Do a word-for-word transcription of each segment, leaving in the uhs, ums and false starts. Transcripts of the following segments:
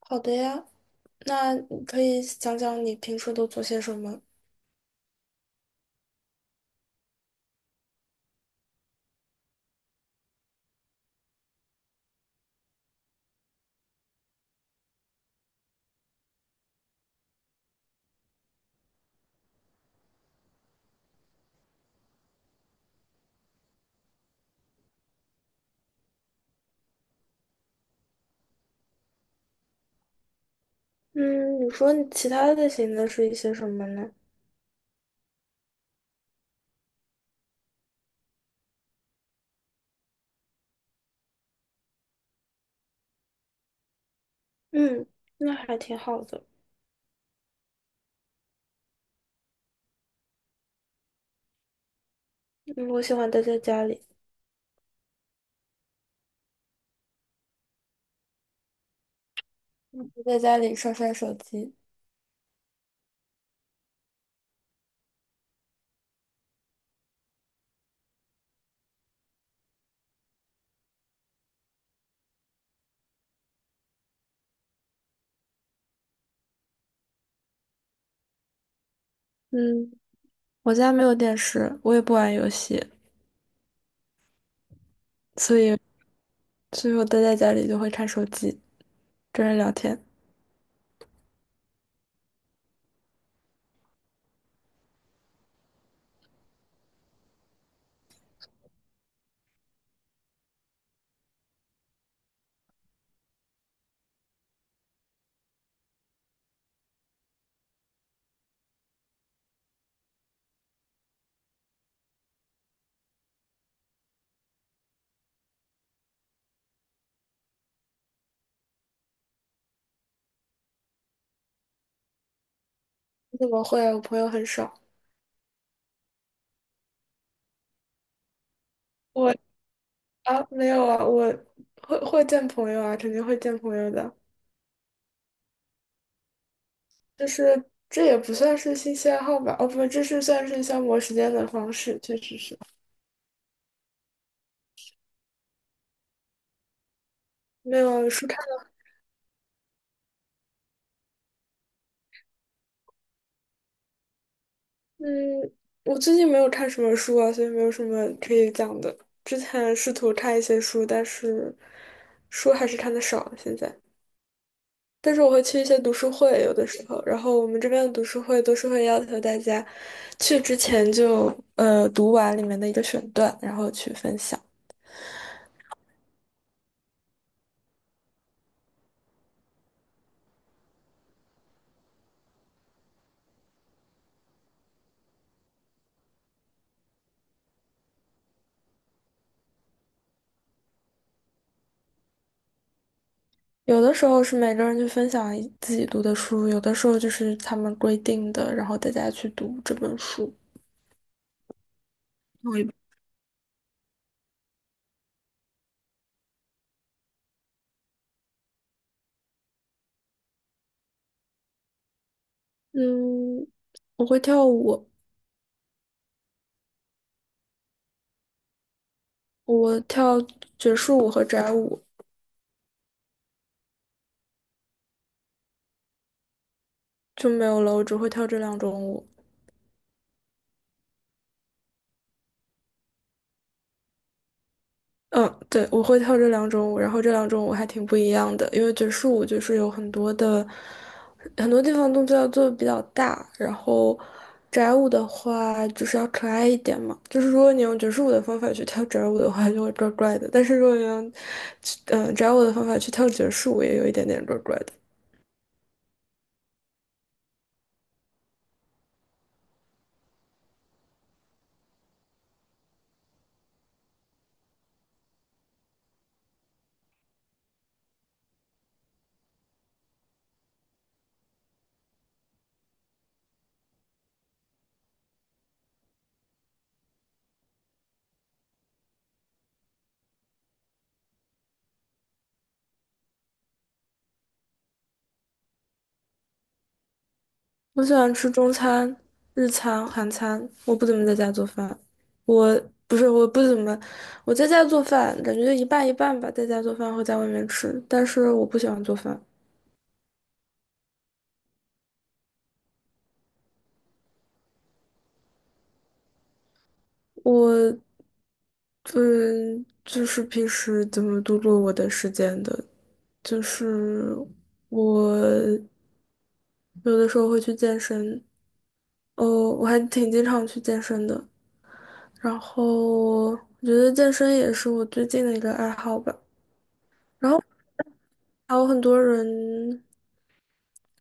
好的呀，那你可以讲讲你平时都做些什么？嗯，你说你其他类型的是一些什么呢？嗯，那还挺好的。嗯，我喜欢待在家里。我在家里刷刷手机。嗯，我家没有电视，我也不玩游戏，所以所以我待在家里就会看手机，跟人聊天。你怎么会啊？我朋友很少。我啊，没有啊，我会会见朋友啊，肯定会见朋友的。就是这也不算是兴趣爱好吧？哦，不，这是算是消磨时间的方式，确实是没有书看了。嗯，我最近没有看什么书啊，所以没有什么可以讲的。之前试图看一些书，但是书还是看的少现在。但是我会去一些读书会，有的时候，然后我们这边的读书会都是会要求大家去之前就呃读完里面的一个选段，然后去分享。有的时候是每个人去分享一自己读的书，有的时候就是他们规定的，然后大家去读这本书。同一本。嗯，我会跳舞，我跳爵士舞和宅舞，就没有了，我只会跳这两种舞。嗯，对，我会跳这两种舞，然后这两种舞还挺不一样的，因为爵士舞就是有很多的很多地方动作要做的比较大，然后宅舞的话就是要可爱一点嘛，就是如果你用爵士舞的方法去跳宅舞的话，就会怪怪的，但是如果你用嗯、呃宅舞的方法去跳爵士舞，也有一点点怪怪的。我喜欢吃中餐、日餐、韩餐。我不怎么在家做饭，我不是我不怎么，我在家做饭感觉就一半一半吧，在家做饭和在外面吃。但是我不喜欢做饭，我嗯就是平时怎么度过我的时间的，就是我有的时候会去健身。哦，我还挺经常去健身的。然后我觉得健身也是我最近的一个爱好吧。还有很多人，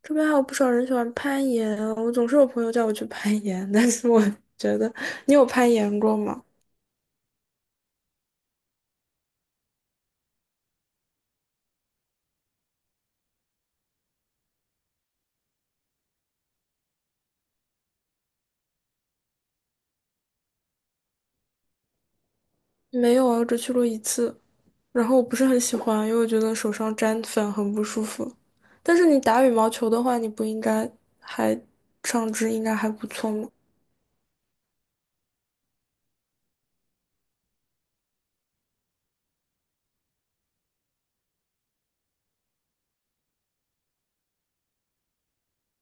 这边还有不少人喜欢攀岩。我总是有朋友叫我去攀岩，但是我觉得，你有攀岩过吗？没有啊，我只去过一次。然后我不是很喜欢，因为我觉得手上沾粉很不舒服。但是你打羽毛球的话，你不应该，还，上肢应该还不错吗？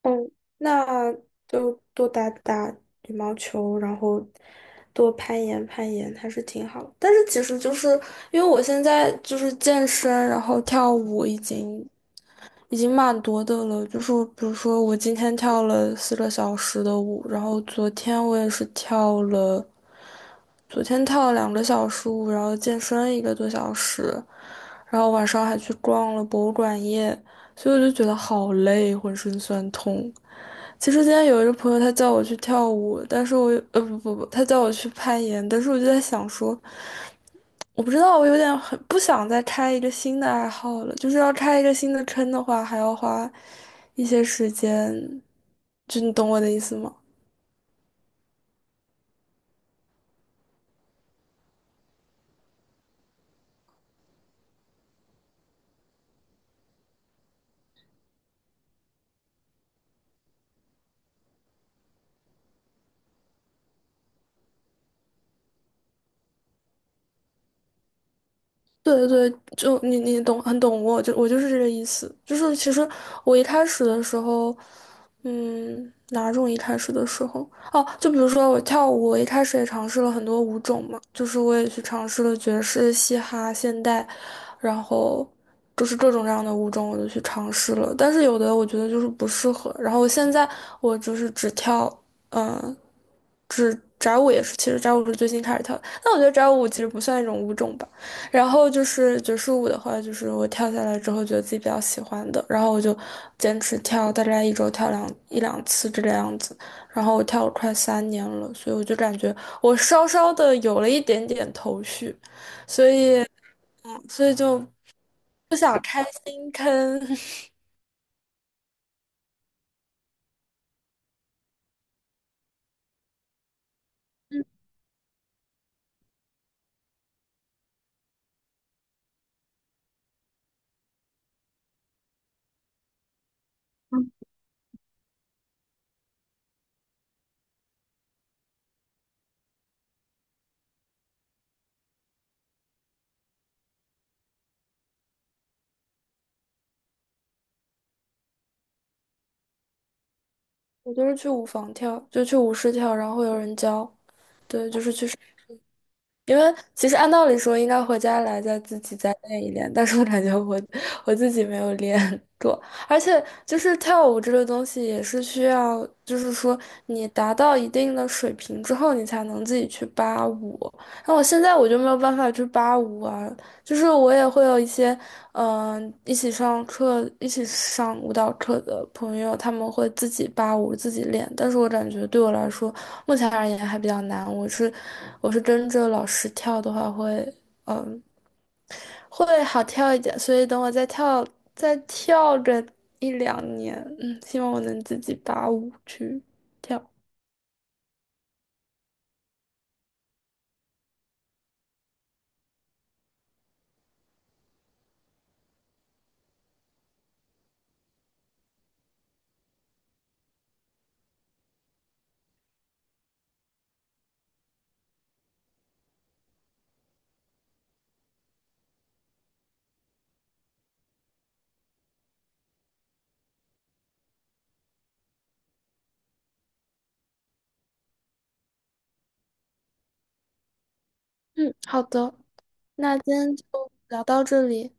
嗯，那就多打打羽毛球，然后多攀岩攀岩，还是挺好的。但是其实就是因为我现在就是健身，然后跳舞已经已经蛮多的了。就是比如说我今天跳了四个小时的舞，然后昨天我也是跳了，昨天跳了两个小时舞，然后健身一个多小时，然后晚上还去逛了博物馆夜，所以我就觉得好累，浑身酸痛。其实今天有一个朋友，他叫我去跳舞，但是我呃不不不，他叫我去攀岩，但是我就在想说，我不知道，我有点很不想再开一个新的爱好了，就是要开一个新的坑的话，还要花一些时间，就你懂我的意思吗？对对对，就你你懂，很懂我，就我就是这个意思。就是其实我一开始的时候，嗯，哪种一开始的时候？哦，就比如说我跳舞，我一开始也尝试了很多舞种嘛，就是我也去尝试了爵士、嘻哈、现代，然后就是各种各样的舞种我都去尝试了，但是有的我觉得就是不适合。然后现在我就是只跳，嗯、只宅舞也是，其实宅舞是最近开始跳的，但我觉得宅舞其实不算一种舞种吧。然后就是爵士舞的话，就是我跳下来之后觉得自己比较喜欢的，然后我就坚持跳，大概一周跳两一两次这个样子。然后我跳了快三年了，所以我就感觉我稍稍的有了一点点头绪，所以嗯，所以就不想开新坑。我就是去舞房跳，就去舞室跳，然后会有人教，对，就是。因为其实按道理说应该回家来再自己再练一练，但是我感觉我我自己没有练 过，而且就是跳舞这个东西也是需要，就是说你达到一定的水平之后，你才能自己去扒舞。那我现在我就没有办法去扒舞啊，就是我也会有一些，嗯、一起上课、一起上舞蹈课的朋友，他们会自己扒舞、自己练。但是我感觉对我来说，目前而言还比较难。我是，我是跟着老师跳的话会，会好跳一点。所以等我再跳，再跳个一两年，嗯，希望我能自己扒舞去跳。嗯，好的，那今天就聊到这里。